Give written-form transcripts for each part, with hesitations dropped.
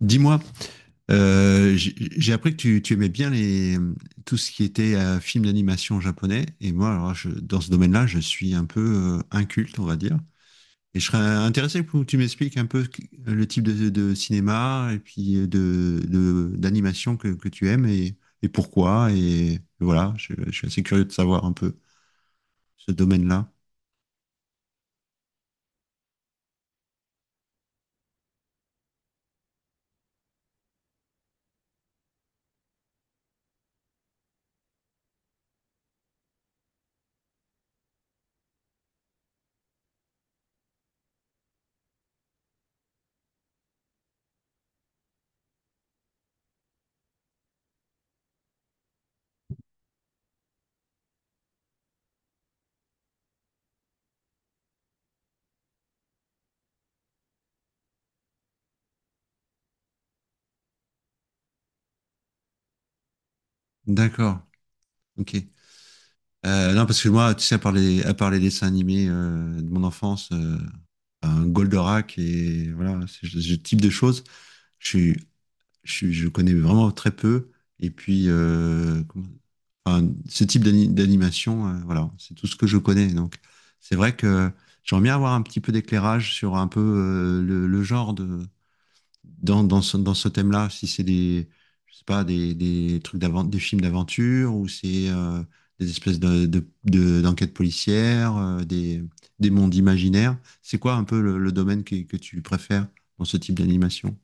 Dis-moi, j'ai appris que tu aimais bien tout ce qui était film d'animation japonais. Et moi, alors, dans ce domaine-là, je suis un peu inculte, on va dire. Et je serais intéressé pour que tu m'expliques un peu le type de cinéma et puis d'animation que tu aimes et pourquoi. Et voilà, je suis assez curieux de savoir un peu ce domaine-là. D'accord, ok. Non, parce que moi, tu sais, à part les dessins animés de mon enfance, un Goldorak et voilà, ce type de choses, je, suis- je connais vraiment très peu. Et puis, enfin, ce type d'animation, voilà, c'est tout ce que je connais. Donc, c'est vrai que j'aimerais bien avoir un petit peu d'éclairage sur un peu le genre dans ce thème-là, si c'est je sais pas, des trucs des films d'aventure ou c'est des espèces d'enquêtes policières, des mondes imaginaires. C'est quoi un peu le domaine que tu préfères dans ce type d'animation?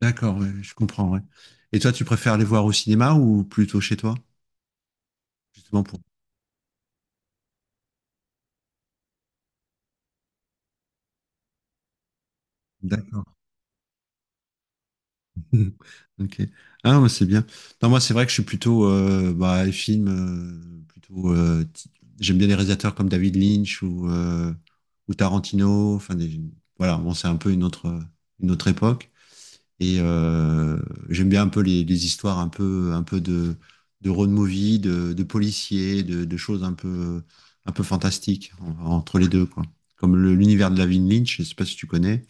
D'accord, ouais, je comprends, ouais. Et toi, tu préfères les voir au cinéma ou plutôt chez toi, justement pour... D'accord. Mhm. Ok. Ah, moi, c'est bien. Non, moi, c'est vrai que je suis plutôt bah, les films, plutôt. J'aime bien les réalisateurs comme David Lynch ou Tarantino. Voilà, bon, c'est un peu une autre époque. Et j'aime bien un peu les histoires un peu de road movie, de policiers, de choses un peu fantastiques entre les deux, quoi. Comme l'univers de David Lynch, je sais pas si tu connais.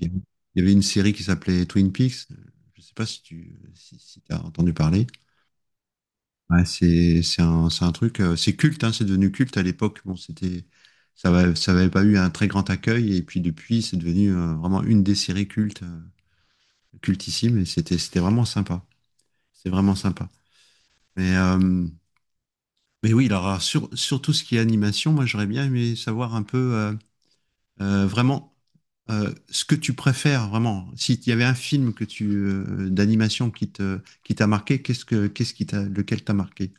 Il y avait une série qui s'appelait Twin Peaks. Je ne sais pas si tu si, si as entendu parler. Ouais, c'est un truc, c'est culte, hein, c'est devenu culte à l'époque. Bon, ça n'avait pas eu un très grand accueil et puis depuis, c'est devenu vraiment une des séries cultes, cultissime et c'était vraiment sympa. C'est vraiment sympa. Mais euh, mais oui, alors sur sur tout ce qui est animation, moi j'aurais bien aimé savoir un peu vraiment ce que tu préfères vraiment. S'il y avait un film que tu, d'animation qui t'a marqué, qu'est-ce qui t'a lequel t'a marqué?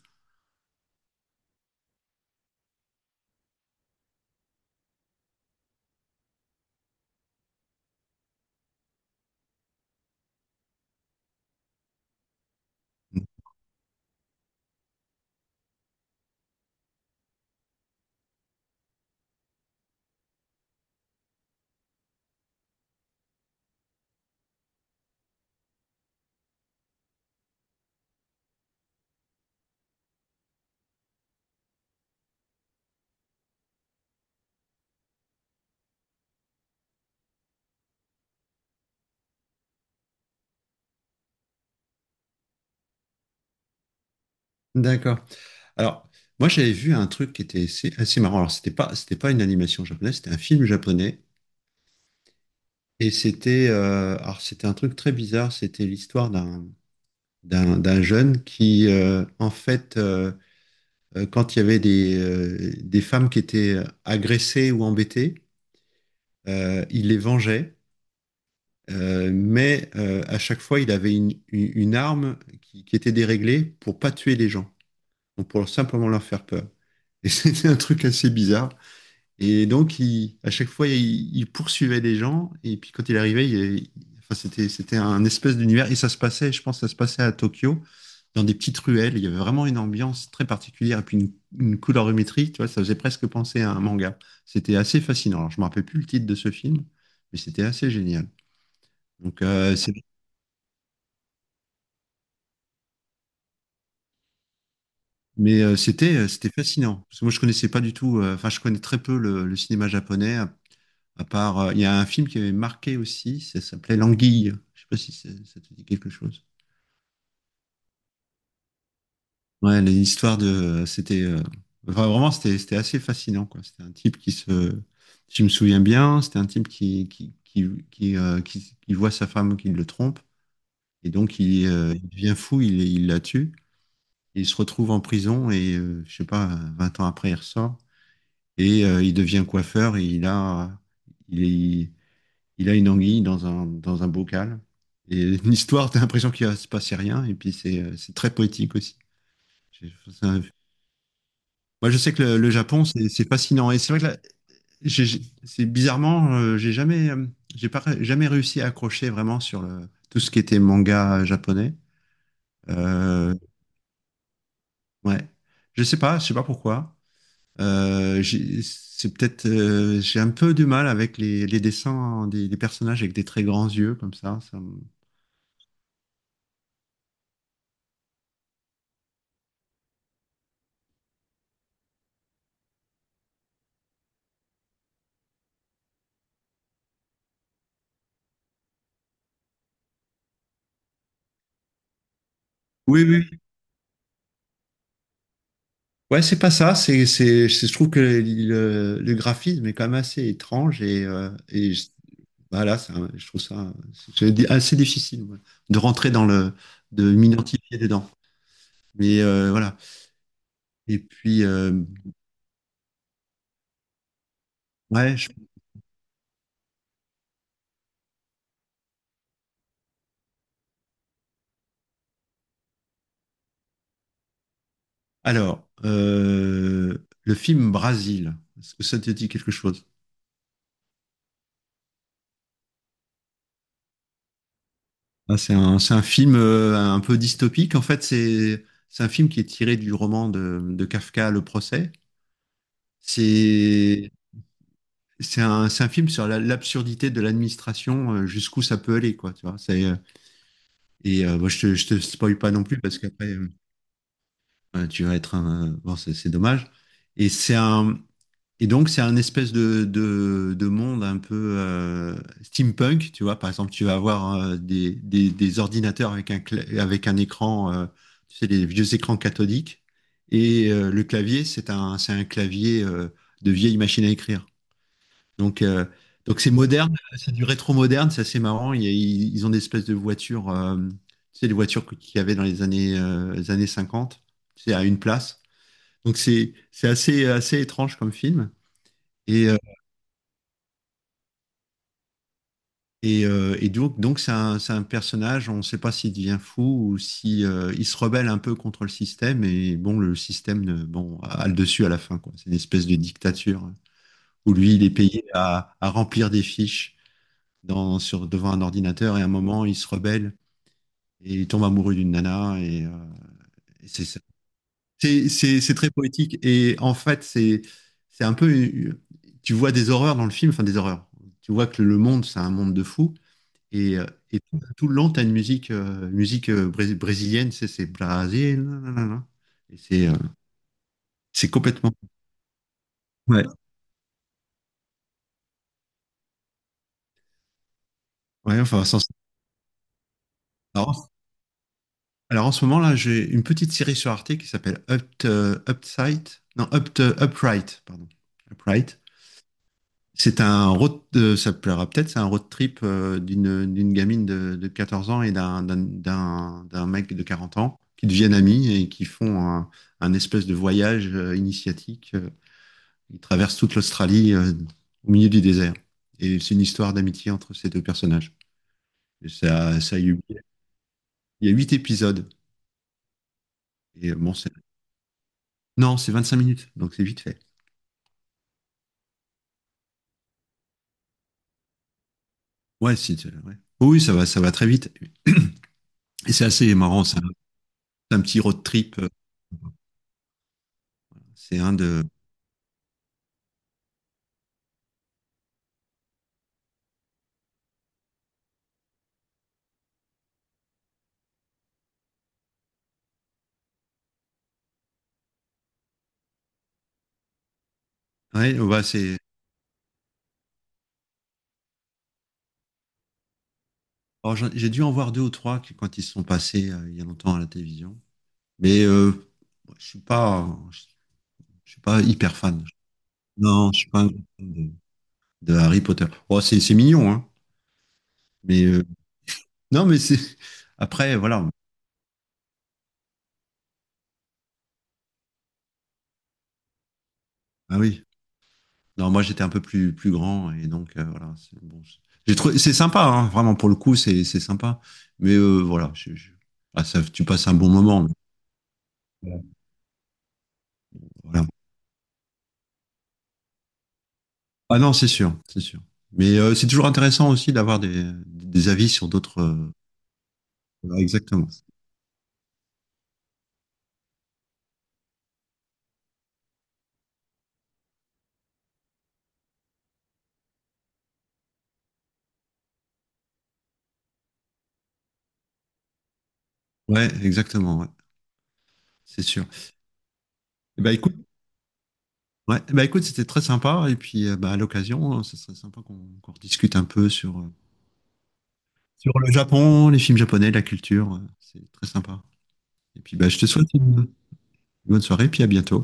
D'accord. Alors, moi, j'avais vu un truc qui était assez, assez marrant. Alors, c'était pas une animation japonaise, c'était un film japonais. Et c'était un truc très bizarre. C'était l'histoire d'un jeune qui, quand il y avait des femmes qui étaient agressées ou embêtées, il les vengeait. Mais à chaque fois, il avait une arme qui était déréglée pour pas tuer les gens, donc pour simplement leur faire peur. Et c'était un truc assez bizarre. Et donc, à chaque fois, il poursuivait les gens. Et puis, quand il arrivait, c'était, c'était un espèce d'univers. Et ça se passait, je pense, que ça se passait à Tokyo, dans des petites ruelles. Il y avait vraiment une ambiance très particulière. Et puis, une colorimétrie, tu vois, ça faisait presque penser à un manga. C'était assez fascinant. Alors, je me rappelle plus le titre de ce film, mais c'était assez génial. Donc, c'est. Mais c'était fascinant. Parce que moi, je connaissais pas du tout, enfin, je connais très peu le cinéma japonais, à part, il y a un film qui avait marqué aussi, ça s'appelait L'Anguille. Je sais pas si ça te dit quelque chose. Ouais, l'histoire de, enfin, vraiment, c'était assez fascinant, quoi. C'était un type qui se, Si je me souviens bien, c'était un type qui, qui voit sa femme qui le trompe, et donc il devient fou, il la tue, et il se retrouve en prison, et je sais pas, 20 ans après, il ressort. Et il devient coiffeur, et il, est- il a une anguille dans un bocal. Et l'histoire, t'as l'impression qu'il va se passer rien, et puis c'est très poétique aussi. J'ai- c'est un- Moi, je sais que le Japon, c'est fascinant. Et c'est vrai que là, j'ai- c'est bizarrement, j'ai jamais, j'ai pas jamais réussi à accrocher vraiment sur tout ce qui était manga japonais. Euh, ouais, je sais pas pourquoi. C'est peut-être, j'ai un peu du mal avec les dessins des personnages avec des très grands yeux comme ça. Oui, oui. Ouais, c'est pas ça. Je trouve que le graphisme est quand même assez étrange et je trouve ça assez difficile ouais, de rentrer dans le, de m'identifier dedans. Mais voilà. Et puis, ouais. Alors, le film Brasil, est-ce que ça te dit quelque chose? Ah, c'est un film un peu dystopique. En fait, c'est un film qui est tiré du roman de Kafka, Le procès. C'est c'est c'est un film sur l'absurdité de l'administration, jusqu'où ça peut aller, quoi. Tu vois, c'est et bon, je te spoil pas non plus parce qu'après tu vas être un bon, c'est dommage. Et c'est un Et donc, c'est un espèce de monde un peu steampunk, tu vois. Par exemple, tu vas avoir des ordinateurs avec un, avec un écran, tu sais, les vieux écrans cathodiques. Et le clavier, c'est un clavier de vieille machine à écrire. Donc, euh, donc c'est moderne, c'est du rétro-moderne, c'est assez marrant. Ils ont des espèces de voitures, tu sais, les voitures qu'il y avait dans les années 50, tu sais, à une place. Donc, c'est assez, assez étrange comme film. Et, euh, donc c'est c'est un personnage, on ne sait pas s'il devient fou ou si il se rebelle un peu contre le système. Et bon, le système a le dessus à la fin, quoi. C'est une espèce de dictature hein, où lui, il est payé à remplir des fiches devant un ordinateur. Et à un moment, il se rebelle et il tombe amoureux d'une nana. Et c'est ça. C'est très poétique. Et en fait, c'est un peu. Tu vois des horreurs dans le film, enfin des horreurs. Tu vois que le monde, c'est un monde de fous. Et, euh, et tout, tout le long, tu as une musique, musique brésilienne, c'est Brasil. Nanana. Et c'est complètement. Ouais, ouais Alors, alors en ce moment, là, j'ai une petite série sur Arte qui s'appelle Up, Upside. Non, Up, Upright, pardon. Upright. Ça te plaira peut-être, c'est un road trip d'une gamine de 14 ans et d'un mec de 40 ans qui deviennent amis et qui font un espèce de voyage initiatique il traverse toute l'Australie au milieu du désert. Et c'est une histoire d'amitié entre ces deux personnages. Et ça, ça a eu- il y a 8 épisodes. Et bon, c'est- non, c'est 25 minutes, donc c'est vite fait. Ouais, si, tu- Ouais. Oh oui, ça va très vite. Et c'est assez marrant, c'est un petit road trip. C'est un de. Ouais, ouais, bah, c'est. Alors, j'ai dû en voir deux ou trois quand ils sont passés il y a longtemps à la télévision. Mais je suis pas, je, je suis pas hyper fan. Non, je suis pas un grand fan de Harry Potter. Oh, c'est mignon, hein. Mais non, mais c'est. Après, voilà. Ah oui. Non, moi, j'étais un peu plus, plus grand. Et donc, voilà. C'est bon. C'est sympa, hein, vraiment, pour le coup, c'est sympa. Mais voilà. Ah, ça, tu passes un bon moment. Mais, voilà. Ah non, c'est sûr. C'est sûr. Mais c'est toujours intéressant aussi d'avoir des avis sur d'autres. Voilà, exactement. Ouais, exactement. Ouais, c'est sûr. Eh ben, écoute, ouais, eh ben, écoute, c'était très sympa. Et puis, bah, à l'occasion, hein, ce serait sympa qu'on rediscute un peu sur. Sur le Japon, les films japonais, la culture. C'est très sympa. Et puis, bah, je te souhaite une bonne soirée, puis à bientôt.